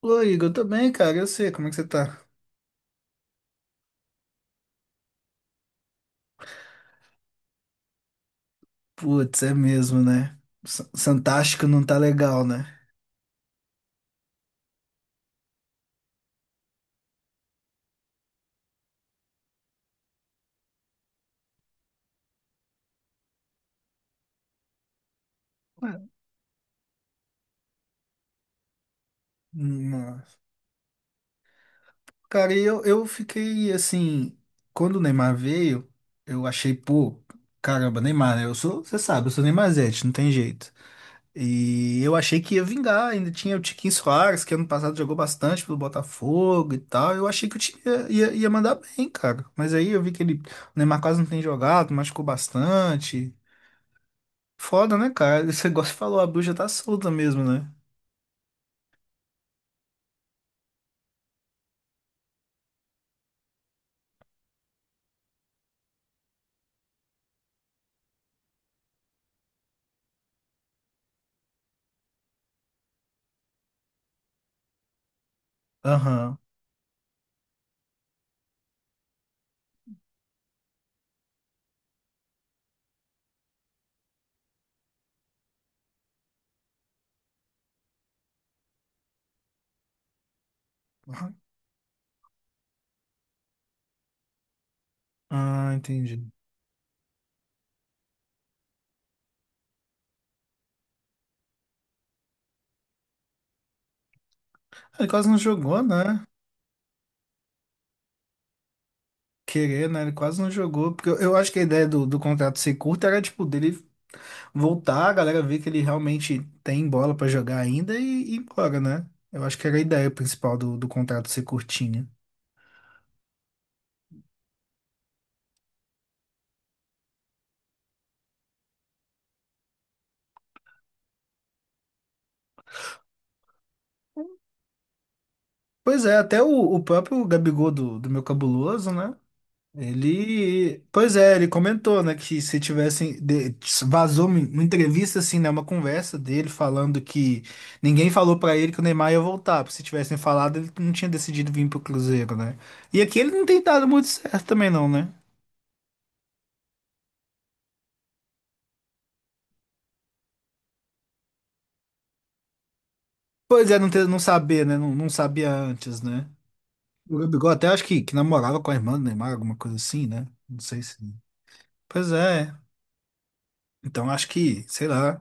Ô, Igor, eu tô bem, cara. Eu sei como é que você tá. Putz, é mesmo, né? Santástico não tá legal, né? Ué. Nossa. Cara, e eu fiquei assim. Quando o Neymar veio, eu achei, pô, caramba, Neymar, né? Eu sou, você sabe, eu sou Neymarzete, não tem jeito. E eu achei que ia vingar. Ainda tinha o Tiquinho Soares, que ano passado jogou bastante pelo Botafogo e tal. Eu achei que o time ia mandar bem, cara. Mas aí eu vi que ele, o Neymar quase não tem jogado, machucou bastante. Foda, né, cara? Você gosta de falar, a bruxa tá solta mesmo, né? Aham. Aham. Ah, entendi. Ele quase não jogou, né? Querer, né? Ele quase não jogou. Porque eu acho que a ideia do contrato ser curto era, tipo, dele voltar, a galera ver que ele realmente tem bola pra jogar ainda e ir embora, né? Eu acho que era a ideia principal do contrato ser curtinho. Pois é, até o próprio Gabigol do meu cabuloso, né? Ele, pois é, ele comentou, né, que se tivessem, vazou uma entrevista, assim, né, uma conversa dele falando que ninguém falou pra ele que o Neymar ia voltar, porque se tivessem falado, ele não tinha decidido vir pro Cruzeiro, né? E aqui ele não tem dado muito certo também, não, né? Pois é, não, ter, não saber, né, não, não sabia antes, né? O Gabigol até acho que namorava com a irmã do Neymar, alguma coisa assim, né? Não sei se... Pois é, então acho que, sei lá,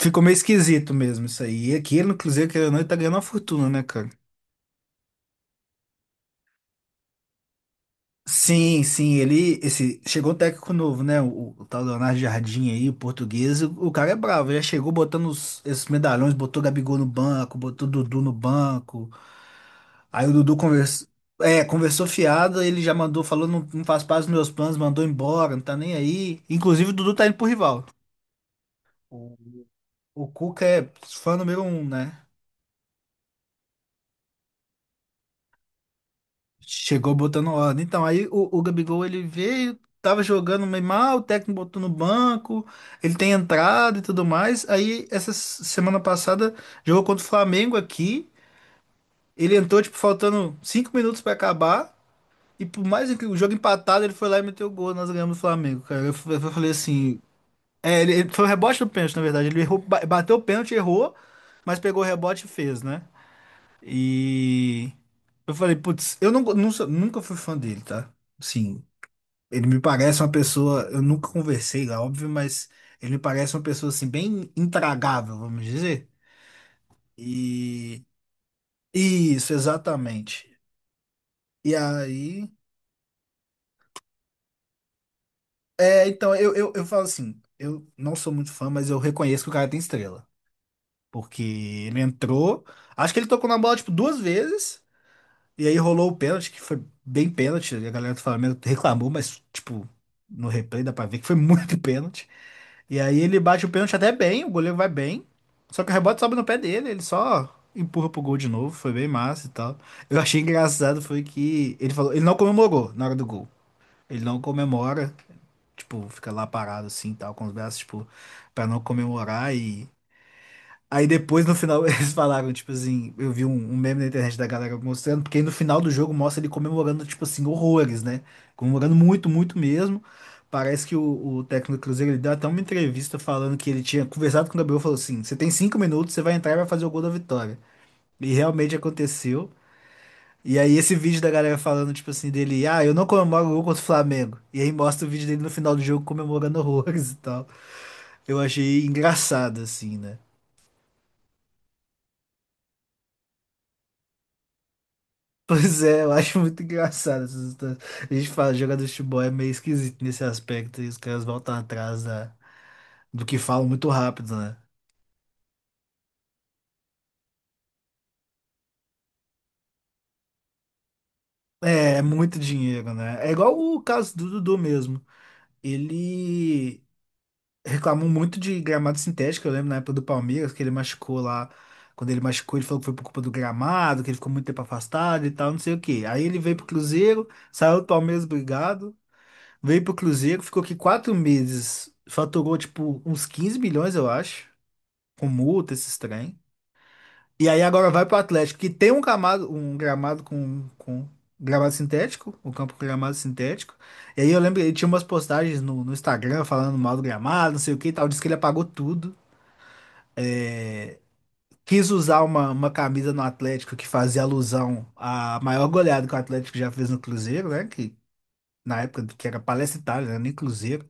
ficou meio esquisito mesmo isso aí. E aqui ele no Cruzeiro, querendo ou não, ele tá ganhando uma fortuna, né, cara? Sim, sim, ele esse chegou o técnico novo, né? O tal Leonardo Jardim aí, o português, o cara é bravo, já chegou botando os, esses medalhões, botou o Gabigol no banco, botou o Dudu no banco. Aí o Dudu conversou, é, conversou fiado, ele já mandou, falou, não, não faz parte dos meus planos, mandou embora, não tá nem aí. Inclusive o Dudu tá indo pro rival. O, o Cuca é fã número um, né? Chegou botando ordem. Então, aí o Gabigol ele veio, tava jogando meio mal, o técnico botou no banco, ele tem entrado e tudo mais. Aí, essa semana passada, jogou contra o Flamengo aqui. Ele entrou, tipo, faltando cinco minutos pra acabar. E por mais que o jogo empatado, ele foi lá e meteu o gol. Nós ganhamos o Flamengo, cara. Eu, eu falei assim. É, foi o rebote do pênalti, na verdade. Ele errou, bateu o pênalti, errou, mas pegou o rebote e fez, né? E eu falei, putz, eu não, nunca fui fã dele, tá? Sim, ele me parece uma pessoa, eu nunca conversei lá, óbvio, mas ele me parece uma pessoa assim bem intragável, vamos dizer. E isso, exatamente. E aí, é, então eu falo assim, eu não sou muito fã, mas eu reconheço que o cara tem estrela, porque ele entrou, acho que ele tocou na bola tipo duas vezes. E aí rolou o pênalti, que foi bem pênalti. A galera do Flamengo reclamou, mas, tipo, no replay dá pra ver que foi muito pênalti. E aí ele bate o pênalti até bem, o goleiro vai bem. Só que o rebote sobe no pé dele, ele só empurra pro gol de novo. Foi bem massa e tal. Eu achei engraçado foi que ele falou, ele não comemorou na hora do gol. Ele não comemora, tipo, fica lá parado assim, tal, com os braços, tipo, pra não comemorar e aí depois no final eles falaram, tipo assim, eu vi um meme na internet da galera mostrando, porque aí no final do jogo mostra ele comemorando, tipo assim, horrores, né? Comemorando muito, muito mesmo. Parece que o técnico do Cruzeiro ele deu até uma entrevista falando que ele tinha conversado com o Gabriel e falou assim: você tem cinco minutos, você vai entrar e vai fazer o gol da vitória. E realmente aconteceu. E aí esse vídeo da galera falando, tipo assim, dele, ah, eu não comemoro o gol contra o Flamengo. E aí mostra o vídeo dele no final do jogo comemorando horrores e tal. Eu achei engraçado, assim, né? Pois é, eu acho muito engraçado essas histórias. A gente fala, jogador de futebol é meio esquisito nesse aspecto, e os caras voltam atrás da, do que falam muito rápido, né? É, é muito dinheiro, né? É igual o caso do Dudu mesmo. Ele reclamou muito de gramado sintético, eu lembro na época do Palmeiras, que ele machucou lá. Quando ele machucou, ele falou que foi por culpa do gramado, que ele ficou muito tempo afastado e tal, não sei o quê. Aí ele veio pro Cruzeiro, saiu do Palmeiras, obrigado. Veio pro Cruzeiro, ficou aqui quatro meses, faturou tipo uns 15 milhões, eu acho, com multa, esses trem. E aí agora vai pro Atlético, que tem um gramado com gramado sintético, um campo com gramado sintético. E aí eu lembro, ele tinha umas postagens no Instagram falando mal do gramado, não sei o que e tal, disse que ele apagou tudo. É, quis usar uma camisa no Atlético que fazia alusão à maior goleada que o Atlético já fez no Cruzeiro, né? Que na época que era Palestra Itália, né? Nem Cruzeiro.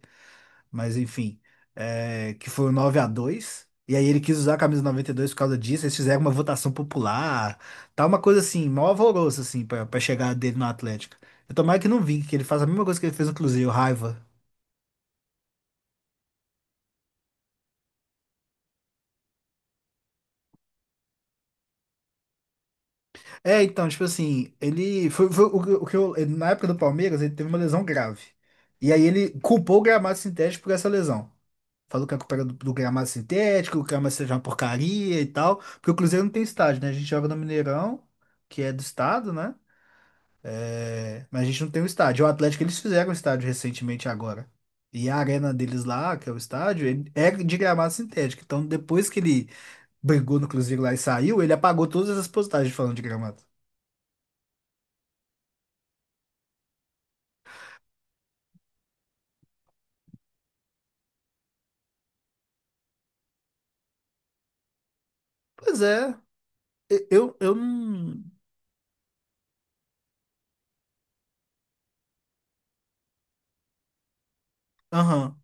Mas enfim, é, que foi o 9 a dois. E aí ele quis usar a camisa 92 por causa disso, eles fizeram uma votação popular, tá uma coisa assim, mó alvoroço assim pra chegar dele no Atlético. Eu tomara que não vi, que ele faça a mesma coisa que ele fez no Cruzeiro, raiva. É, então, tipo assim, ele foi, foi o que eu, na época do Palmeiras, ele teve uma lesão grave. E aí ele culpou o gramado sintético por essa lesão. Falou que a culpa era do gramado sintético, o gramado seja uma porcaria e tal, porque o Cruzeiro não tem estádio, né? A gente joga no Mineirão, que é do estado, né? É, mas a gente não tem o estádio. O Atlético, eles fizeram o estádio recentemente agora. E a arena deles lá, que é o estádio, ele é de gramado sintético. Então, depois que ele brigou no Cruzeiro lá e saiu, ele apagou todas as postagens falando de gramado. Pois é, eu não. Aham,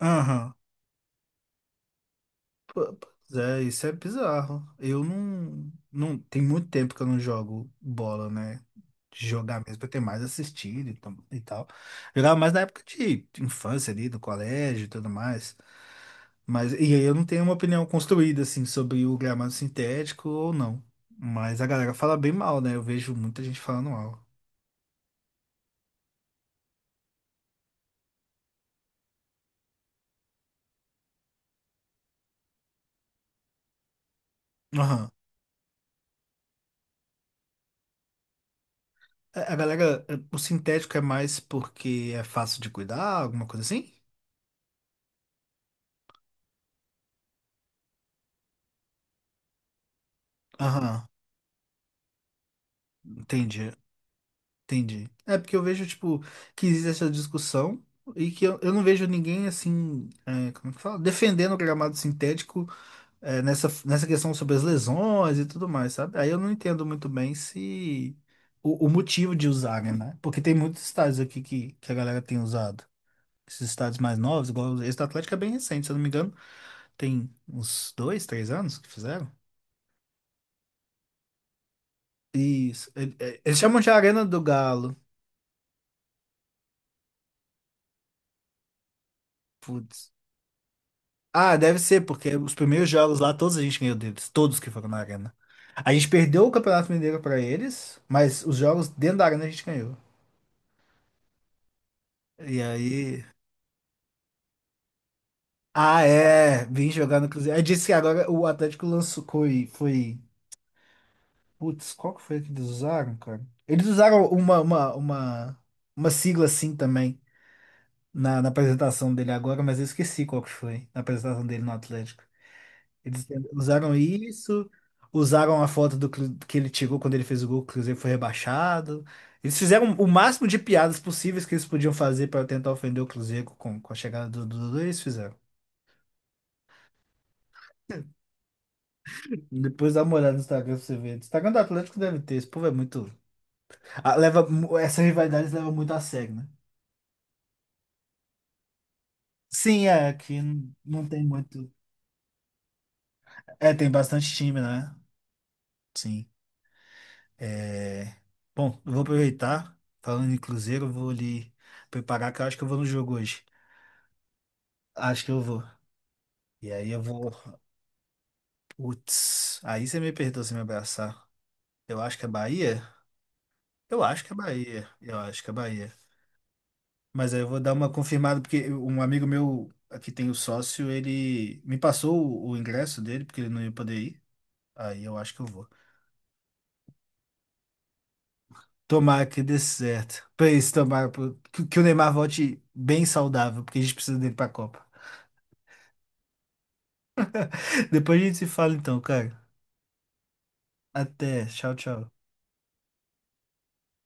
aham. Pois é, isso é bizarro. Eu não, não. Tem muito tempo que eu não jogo bola, né? De jogar mesmo, eu tenho mais assistido e e tal. Jogava mais na época de infância ali, do colégio e tudo mais. Mas, e aí eu não tenho uma opinião construída, assim, sobre o gramado sintético ou não. Mas a galera fala bem mal, né? Eu vejo muita gente falando mal. Aham. A galera, o sintético é mais porque é fácil de cuidar, alguma coisa assim? Aham, entendi. Entendi. É porque eu vejo, tipo, que existe essa discussão e que eu não vejo ninguém, assim, é, como é que fala? Defendendo o gramado sintético, é, nessa questão sobre as lesões e tudo mais, sabe? Aí eu não entendo muito bem se o motivo de usarem, né? Né? Porque tem muitos estádios aqui que a galera tem usado. Esses estádios mais novos, igual esse do Atlético é bem recente, se eu não me engano, tem uns dois, três anos que fizeram. Isso. Eles chamam de Arena do Galo. Putz. Ah, deve ser, porque os primeiros jogos lá, todos a gente ganhou deles, todos que foram na arena. A gente perdeu o Campeonato Mineiro pra eles, mas os jogos dentro da arena a gente ganhou. E aí. Ah, é, vim jogar no Cruzeiro. Aí disse que agora o Atlético lançou, foi, foi. Putz, qual que foi que eles usaram, cara? Eles usaram uma sigla assim também na apresentação dele agora, mas eu esqueci qual que foi na apresentação dele no Atlético. Eles usaram isso, usaram a foto do que ele tirou quando ele fez o gol, que o Cruzeiro foi rebaixado. Eles fizeram o máximo de piadas possíveis que eles podiam fazer para tentar ofender o Cruzeiro com a chegada do Dudu, eles fizeram. Depois dá uma olhada no Instagram pra você ver. O Instagram do Atlético deve ter, esse povo é muito. Ah, leva, essa rivalidade leva muito a sério, né? Sim, é, aqui não tem muito. É, tem bastante time, né? Sim. É... Bom, eu vou aproveitar, falando em Cruzeiro, eu vou ali preparar, que eu acho que eu vou no jogo hoje. Acho que eu vou. E aí eu vou. Putz, aí você me perdoa se me abraçar. Eu acho que é Bahia? Eu acho que é Bahia. Eu acho que é Bahia. Mas aí eu vou dar uma confirmada, porque um amigo meu aqui tem o sócio, ele me passou o ingresso dele, porque ele não ia poder ir. Aí eu acho que eu vou. Tomara que dê certo. Pra isso, tomara que o Neymar volte bem saudável, porque a gente precisa dele pra Copa. Depois a gente se fala então, cara. Até. Tchau, tchau.